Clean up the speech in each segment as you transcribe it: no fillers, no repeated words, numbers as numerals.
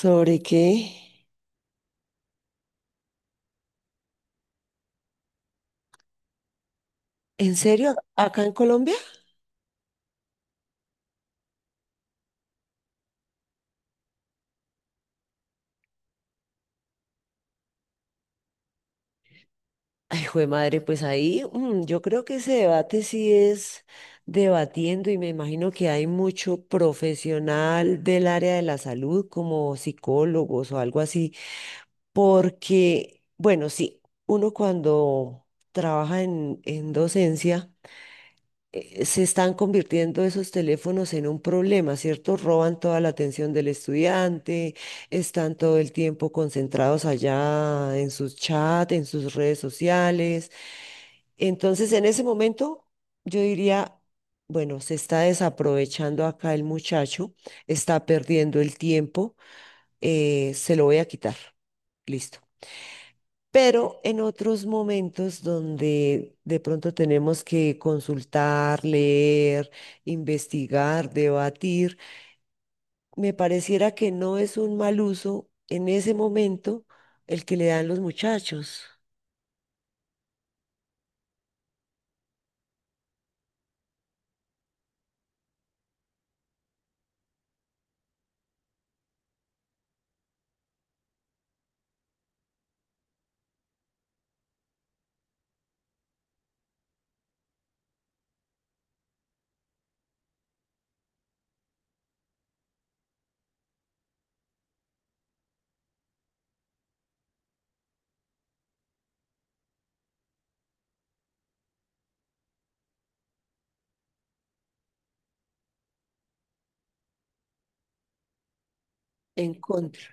¿Sobre qué? ¿En serio? ¿Acá en Colombia? Ay, jue madre, pues ahí yo creo que ese debate sí es debatiendo y me imagino que hay mucho profesional del área de la salud como psicólogos o algo así, porque, bueno, sí, uno cuando trabaja en docencia, se están convirtiendo esos teléfonos en un problema, ¿cierto? Roban toda la atención del estudiante, están todo el tiempo concentrados allá en sus chats, en sus redes sociales. Entonces, en ese momento, yo diría, bueno, se está desaprovechando acá el muchacho, está perdiendo el tiempo, se lo voy a quitar. Listo, pero en otros momentos donde de pronto tenemos que consultar, leer, investigar, debatir, me pareciera que no es un mal uso en ese momento el que le dan los muchachos en contra.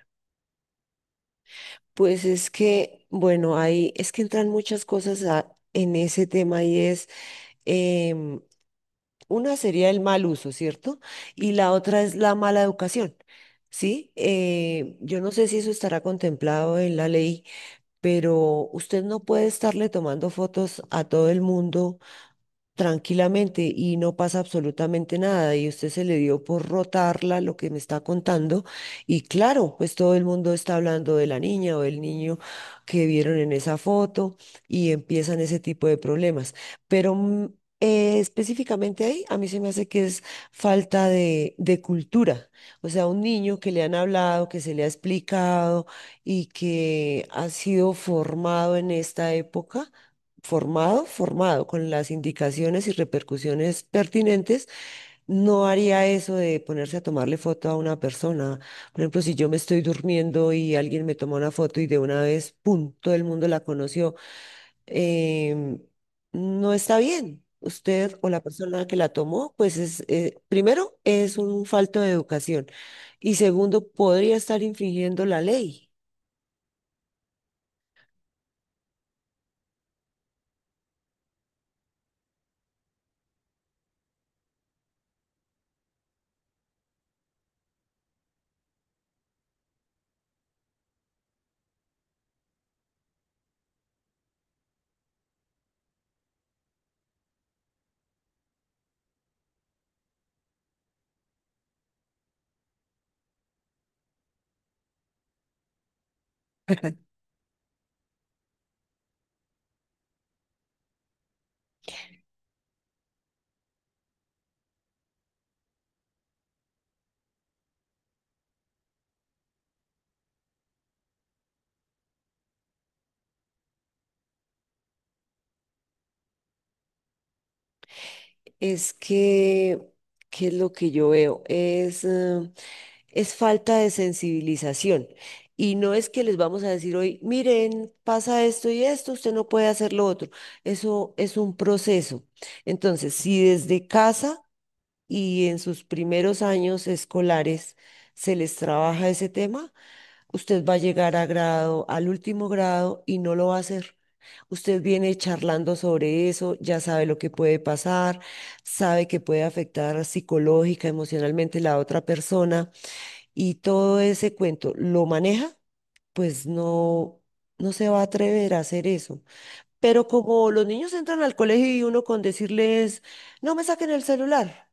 Pues es que, bueno, ahí es que entran muchas cosas en ese tema y es. em, Una sería el mal uso, ¿cierto? Y la otra es la mala educación, ¿sí? Yo no sé si eso estará contemplado en la ley, pero usted no puede estarle tomando fotos a todo el mundo tranquilamente y no pasa absolutamente nada. Y usted se le dio por rotarla lo que me está contando. Y claro, pues todo el mundo está hablando de la niña o del niño que vieron en esa foto y empiezan ese tipo de problemas. Pero específicamente ahí, a mí se me hace que es falta de cultura. O sea, un niño que le han hablado, que se le ha explicado y que ha sido formado en esta época formado, formado, con las indicaciones y repercusiones pertinentes, no haría eso de ponerse a tomarle foto a una persona. Por ejemplo, si yo me estoy durmiendo y alguien me toma una foto y de una vez, ¡pum!, todo el mundo la conoció, em, no está bien. Usted o la persona que la tomó, pues es, primero, es un falto de educación y segundo, podría estar infringiendo la ley. Es que, ¿qué es lo que yo veo? Es falta de sensibilización. Y no es que les vamos a decir hoy, miren, pasa esto y esto, usted no puede hacer lo otro. Eso es un proceso. Entonces, si desde casa y en sus primeros años escolares se les trabaja ese tema, usted va a llegar a grado, al último grado, y no lo va a hacer. Usted viene charlando sobre eso, ya sabe lo que puede pasar, sabe que puede afectar psicológica, emocionalmente la otra persona y todo ese cuento lo maneja, pues no, no se va a atrever a hacer eso. Pero como los niños entran al colegio y uno con decirles, no me saquen el celular,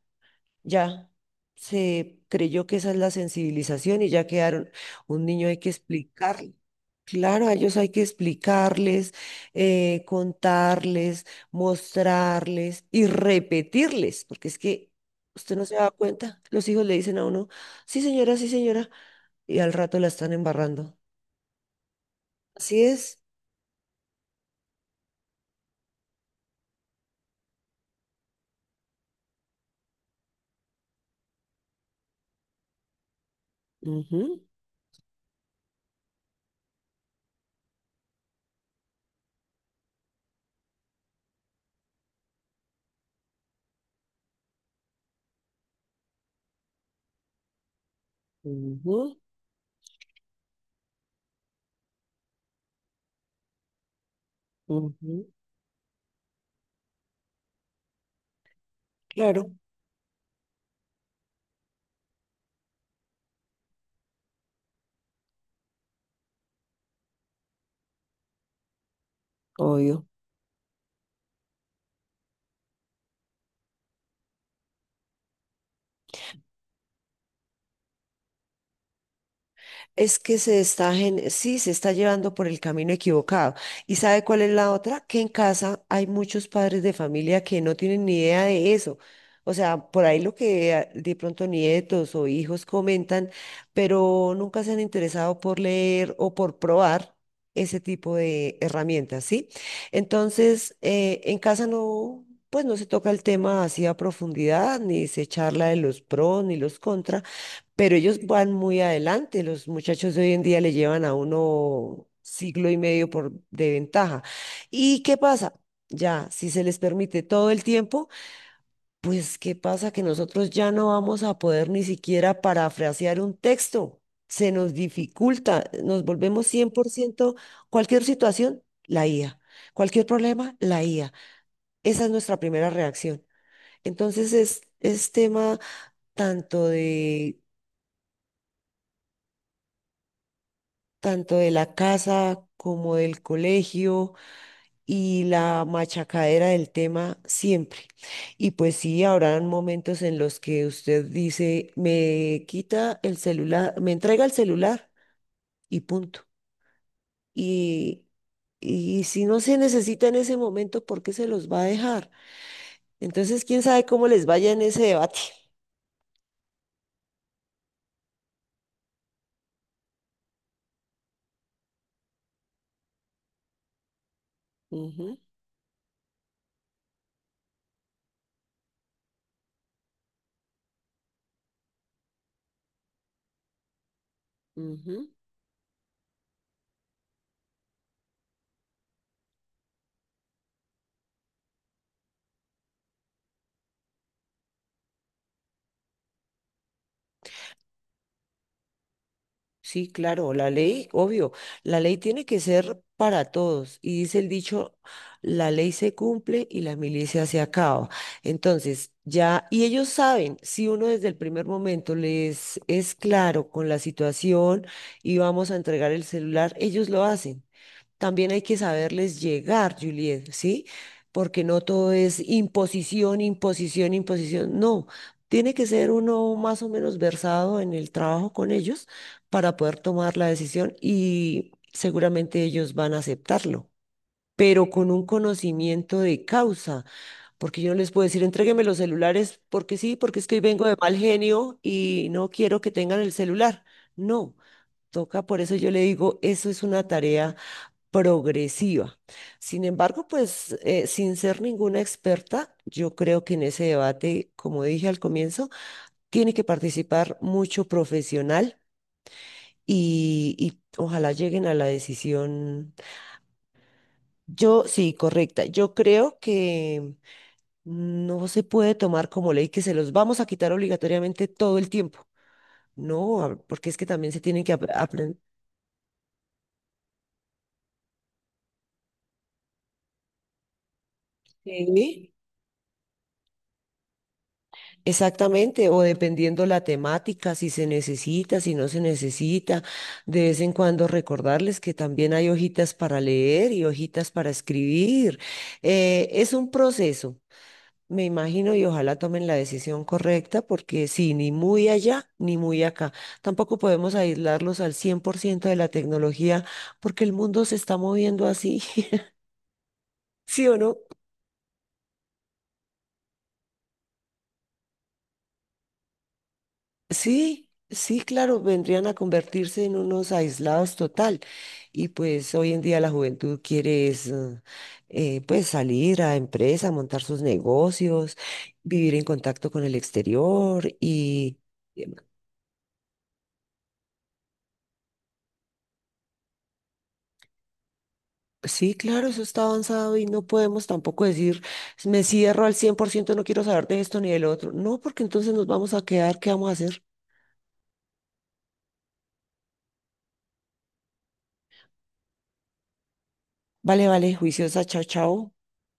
ya se creyó que esa es la sensibilización y ya quedaron. Un niño hay que explicar. Claro, a ellos hay que explicarles, contarles, mostrarles y repetirles, porque es que usted no se da cuenta, los hijos le dicen a uno, sí señora, y al rato la están embarrando. Así es. Ujú, ujú, ujú. Claro, obvio. Es que se está, sí, se está llevando por el camino equivocado. ¿Y sabe cuál es la otra? Que en casa hay muchos padres de familia que no tienen ni idea de eso. O sea, por ahí lo que de pronto nietos o hijos comentan, pero nunca se han interesado por leer o por probar ese tipo de herramientas, ¿sí? Entonces, en casa no, pues no se toca el tema así a profundidad, ni se charla de los pros ni los contras, pero ellos van muy adelante, los muchachos de hoy en día le llevan a uno siglo y medio de ventaja. ¿Y qué pasa? Ya, si se les permite todo el tiempo, pues ¿qué pasa? Que nosotros ya no vamos a poder ni siquiera parafrasear un texto. Se nos dificulta, nos volvemos 100% cualquier situación, la IA. Cualquier problema, la IA. Esa es nuestra primera reacción. Entonces es tema tanto de la casa como del colegio y la machacadera del tema siempre. Y pues sí, habrán momentos en los que usted dice, me quita el celular, me entrega el celular y punto. Y, y si no se necesita en ese momento, ¿por qué se los va a dejar? Entonces, quién sabe cómo les vaya en ese debate. Ujú, ujú. Sí, claro, la ley, obvio, la ley tiene que ser para todos. Y dice el dicho, la ley se cumple y la milicia se acaba. Entonces, ya, y ellos saben, si uno desde el primer momento les es claro con la situación y vamos a entregar el celular, ellos lo hacen. También hay que saberles llegar, Juliet, ¿sí? Porque no todo es imposición, imposición, imposición. No, tiene que ser uno más o menos versado en el trabajo con ellos para poder tomar la decisión y seguramente ellos van a aceptarlo, pero con un conocimiento de causa, porque yo no les puedo decir, entrégueme los celulares porque sí, porque es que hoy vengo de mal genio y no quiero que tengan el celular. No, toca, por eso yo le digo, eso es una tarea progresiva. Sin embargo, pues sin ser ninguna experta, yo creo que en ese debate, como dije al comienzo, tiene que participar mucho profesional y ojalá lleguen a la decisión, yo sí, correcta. Yo creo que no se puede tomar como ley que se los vamos a quitar obligatoriamente todo el tiempo. No, porque es que también se tienen que aprender. Exactamente, o dependiendo la temática, si se necesita, si no se necesita, de vez en cuando recordarles que también hay hojitas para leer y hojitas para escribir. Es un proceso, me imagino, y ojalá tomen la decisión correcta, porque sí, ni muy allá ni muy acá. Tampoco podemos aislarlos al 100% de la tecnología, porque el mundo se está moviendo así, ¿sí o no? Sí, sí, claro, vendrían a convertirse en unos aislados total. Y pues hoy en día la juventud quiere es, pues salir a empresa, montar sus negocios, vivir en contacto con el exterior y eh, sí, claro, eso está avanzado y no podemos tampoco decir, me cierro al 100%, no quiero saber de esto ni del otro. No, porque entonces nos vamos a quedar, ¿qué vamos a hacer? Vale, vale, juiciosa, chao, chao.